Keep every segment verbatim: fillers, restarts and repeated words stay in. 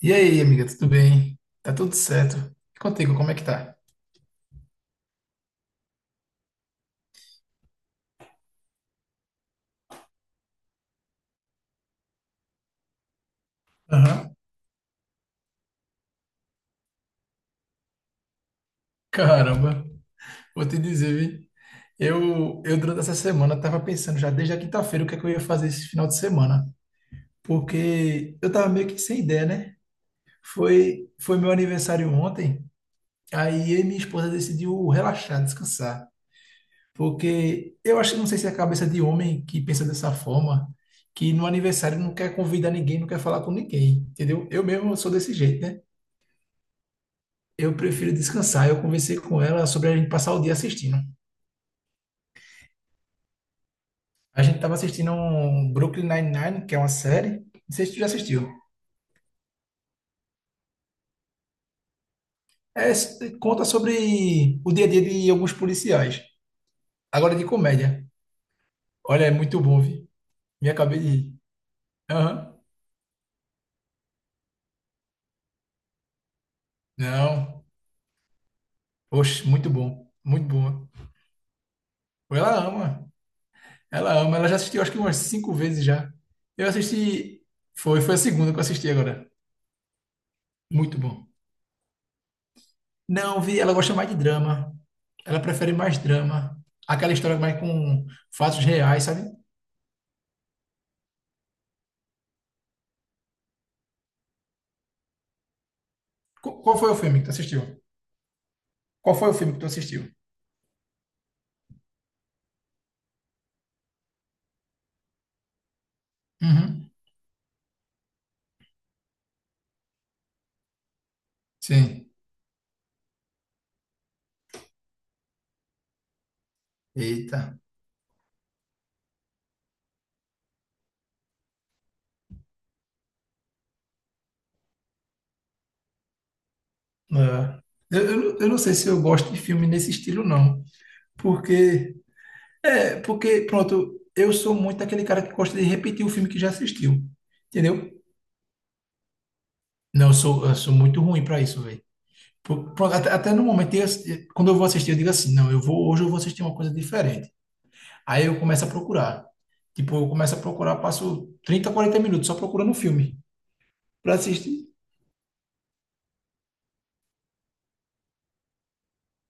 E aí, amiga, tudo bem? Tá tudo certo? E contigo, como é que tá? Aham. Caramba, vou te dizer, vi. Eu, eu durante essa semana tava pensando já desde a quinta-feira o que é que eu ia fazer esse final de semana, porque eu tava meio que sem ideia, né? Foi, foi meu aniversário ontem, aí eu e minha esposa decidiu relaxar, descansar, porque eu acho que não sei se é a cabeça de homem que pensa dessa forma, que no aniversário não quer convidar ninguém, não quer falar com ninguém, entendeu? Eu mesmo sou desse jeito, né? Eu prefiro descansar. Eu conversei com ela sobre a gente passar o dia assistindo. A gente tava assistindo um Brooklyn Nine-Nine, que é uma série. Não sei se tu já assistiu. É, s- conta sobre o dia a dia de alguns policiais. Agora de comédia. Olha, é muito bom, vi. Me acabei de rir. Aham. Não. Oxe, muito bom. Muito bom. Ela ama. Ela ama. Ela já assistiu acho que umas cinco vezes já. Eu assisti. Foi, foi a segunda que eu assisti agora. Muito bom. Não, vi, ela gosta mais de drama. Ela prefere mais drama. Aquela história mais com fatos reais, sabe? Qu- Qual foi o filme que tu assistiu? Qual foi o filme que tu assistiu? Uhum. Sim. Eita. É. Eu, eu, não- eu não sei se eu gosto de filme nesse estilo, não. Porque, é, porque, pronto, eu sou muito aquele cara que gosta de repetir o filme que já assistiu. Entendeu? Não, eu sou, eu sou muito ruim pra isso, velho. Pronto, até, até no momento, eu- quando eu vou assistir, eu digo assim, não, eu vou, hoje eu vou assistir uma coisa diferente. Aí eu começo a procurar. Tipo, eu começo a procurar, passo trinta, quarenta minutos só procurando um filme para assistir.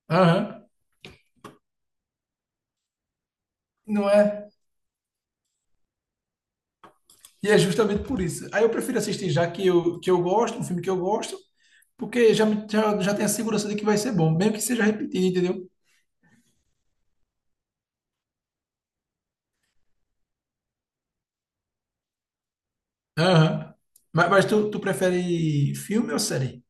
Aham. Não é? E é justamente por isso. Aí eu prefiro assistir já que eu, que eu gosto, um filme que eu gosto, porque já, me- já, já tenho a segurança de que vai ser bom, mesmo que seja repetido, entendeu? Aham. Mas, mas tu, tu prefere filme ou série?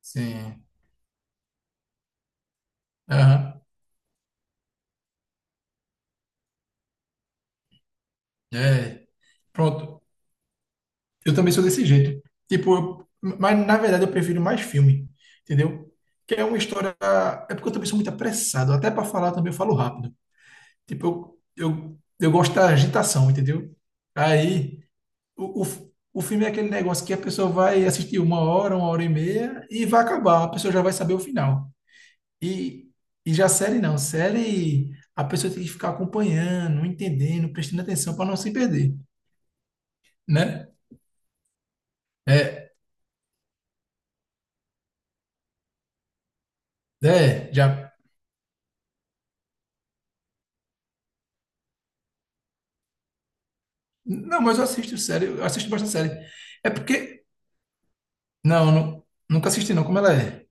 Sim. Aham. É. Pronto. Eu também sou desse jeito. Tipo, eu- mas na verdade eu prefiro mais filme, entendeu? Que é uma história. É porque eu também sou muito apressado. Até para falar também eu falo rápido. Tipo, eu, eu, eu gosto da agitação, entendeu? Aí, o, o, o filme é aquele negócio que a pessoa vai assistir uma hora, uma hora e meia e vai acabar. A pessoa já vai saber o final. E, e já série não. Série, a pessoa tem que ficar acompanhando, entendendo, prestando atenção para não se perder, né? É, é, já Não, mas eu assisto série, eu assisto bastante série. É porque. Não, nu- nunca assisti, não. Como ela é?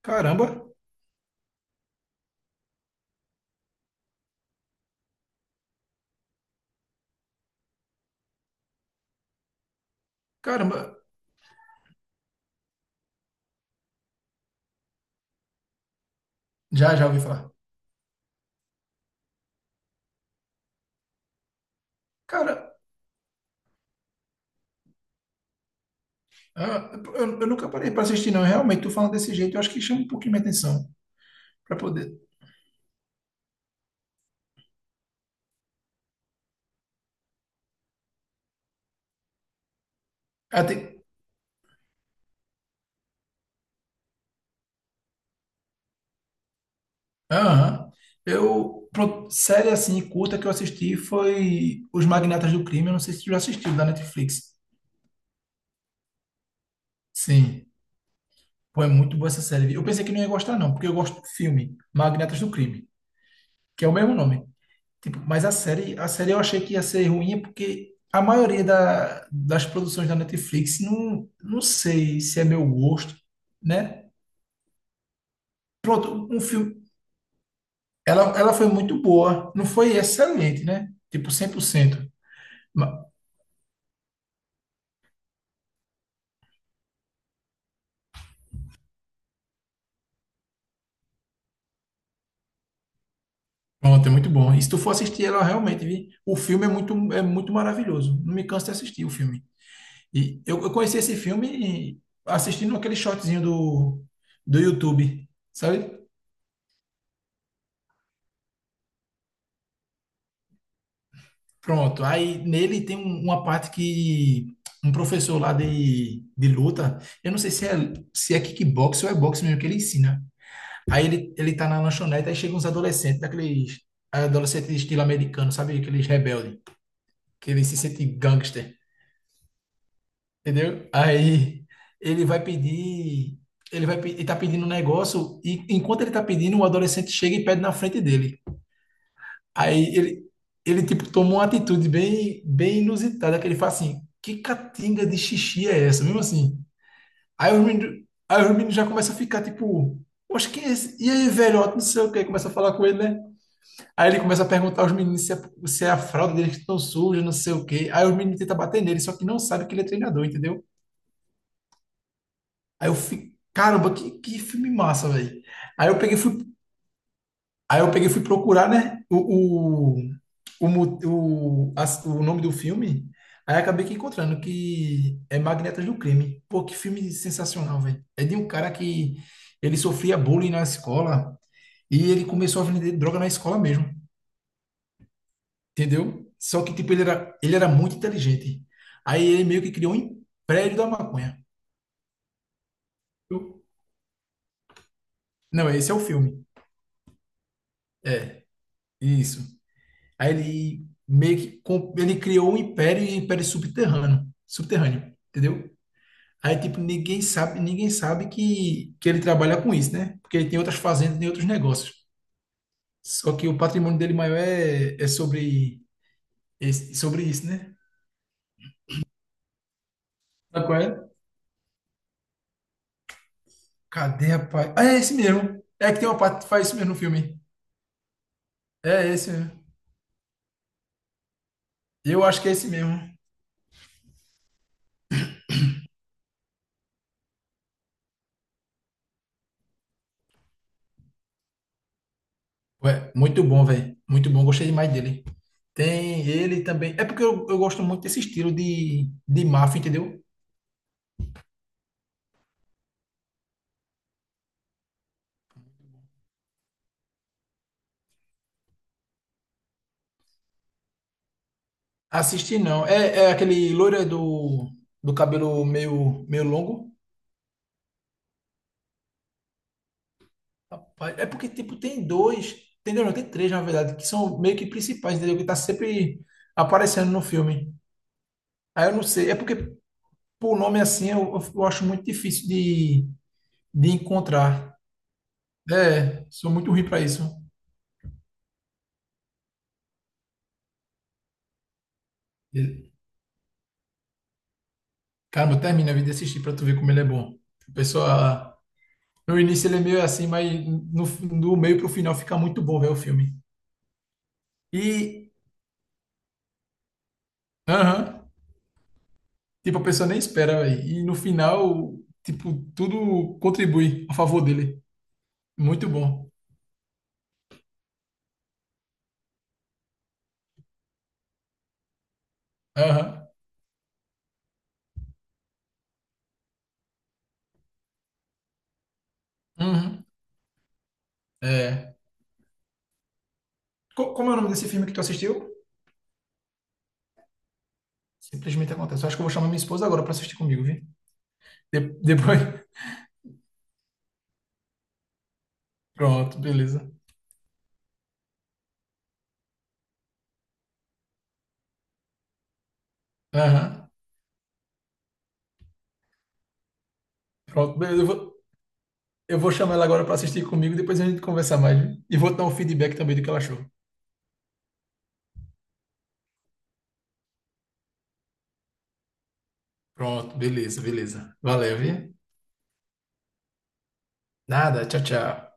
Caramba, caramba. Já, já ouvi falar. Cara, ah, eu, eu nunca parei para assistir, não. Realmente, tu falando desse jeito, eu acho que chama um pouquinho minha atenção. Pra poder. Ah, tem- Aham. Eu. Pronto, série assim, curta que eu assisti foi Os Magnatas do Crime. Eu não sei se tu já assistiu, da Netflix. Sim. Pô, é muito boa essa série. Eu pensei que não ia gostar, não, porque eu gosto do filme Magnatas do Crime, que é o mesmo nome. Tipo, mas a série, a série eu achei que ia ser ruim porque a maioria da- das produções da Netflix não, não sei se é meu gosto, né? Pronto, um filme, ela, ela foi muito boa, não foi excelente, né? Tipo cem por cento. Ma- Pronto, é muito bom. E se tu for assistir ela realmente, vi, o filme é muito é muito maravilhoso. Não me canso de assistir o filme. E eu, eu conheci esse filme assistindo aquele shortzinho do do YouTube, sabe? Pronto, aí nele tem um- uma parte que um professor lá de, de luta, eu não sei se é, se é kickbox ou é boxe mesmo que ele ensina. Aí ele, ele tá na lanchonete, aí chegam uns adolescentes, daqueles adolescentes de estilo americano, sabe? Aqueles rebeldes, que ele se sente gangster, entendeu? Aí ele vai pedir, ele vai, pe- ele tá pedindo um negócio, e enquanto ele tá pedindo, o adolescente chega e pede na frente dele. Aí ele, ele tipo, tomou uma atitude bem, bem inusitada, que ele fala assim, que catinga de xixi é essa? Mesmo assim. Aí os meninos, aí os meninos já começam a ficar, tipo, poxa, quem é esse? E aí, velhote, não sei o quê, começa a falar com ele, né? Aí ele começa a perguntar aos meninos se é, se é a fralda deles que estão suja, não sei o quê. Aí os meninos tentam bater nele, só que não sabe que ele é treinador, entendeu? Aí eu fico, caramba, que, que filme massa, velho. Aí eu peguei, e fui, aí eu peguei, e fui procurar, né, o, o- o, mo- o, as- o nome do filme, aí acabei que encontrando que é Magnetas do Crime. Pô, que filme sensacional, velho. É de um cara que ele sofria bullying na escola e ele começou a vender droga na escola mesmo, entendeu? Só que, tipo, ele era, ele era muito inteligente. Aí ele meio que criou um império da maconha. Eu- Não, esse é o filme. É, isso. Aí ele meio que com- ele criou um império e um império subterrâneo, subterrâneo, entendeu? Aí, tipo, ninguém sabe, ninguém sabe que, que ele trabalha com isso, né? Porque ele tem outras fazendas, tem outros negócios. Só que o patrimônio dele maior é, é sobre, esse- sobre isso, né? Sabe qual é? Cadê, rapaz? Ah, é esse mesmo. É que tem uma parte que faz isso mesmo no filme. É esse mesmo. Eu acho que é esse mesmo. Ué, muito bom, velho. Muito bom. Gostei demais dele. Tem ele também. É porque eu, eu gosto muito desse estilo de, de máfia, entendeu? Assistir não. É, é aquele loira do, do cabelo meio, meio longo. Rapaz, é porque, tipo, tem dois, tem dois, não, tem três, na verdade, que são meio que principais, entendeu? Que tá sempre aparecendo no filme. Aí eu não sei, é porque por nome assim eu, eu acho muito difícil de, de encontrar. É, sou muito ruim pra isso. E, caramba, termina a vida de assistir pra tu ver como ele é bom. A pessoa, no início ele é meio assim, mas no, do meio pro final fica muito bom ver o filme. E, aham, tipo, a pessoa nem espera, velho. E no final, tipo, tudo contribui a favor dele. Muito bom. Aham. Uhum. É. Co- como é o nome desse filme que tu assistiu? Simplesmente acontece. Eu acho que eu vou chamar minha esposa agora para assistir comigo, viu? De- depois. Pronto, beleza. Aham. Pronto, beleza. Eu vou, eu vou chamar ela agora para assistir comigo, depois a gente conversa mais, viu? E vou dar um feedback também do que ela achou. Pronto, beleza, beleza. Valeu, viu? Nada, tchau, tchau.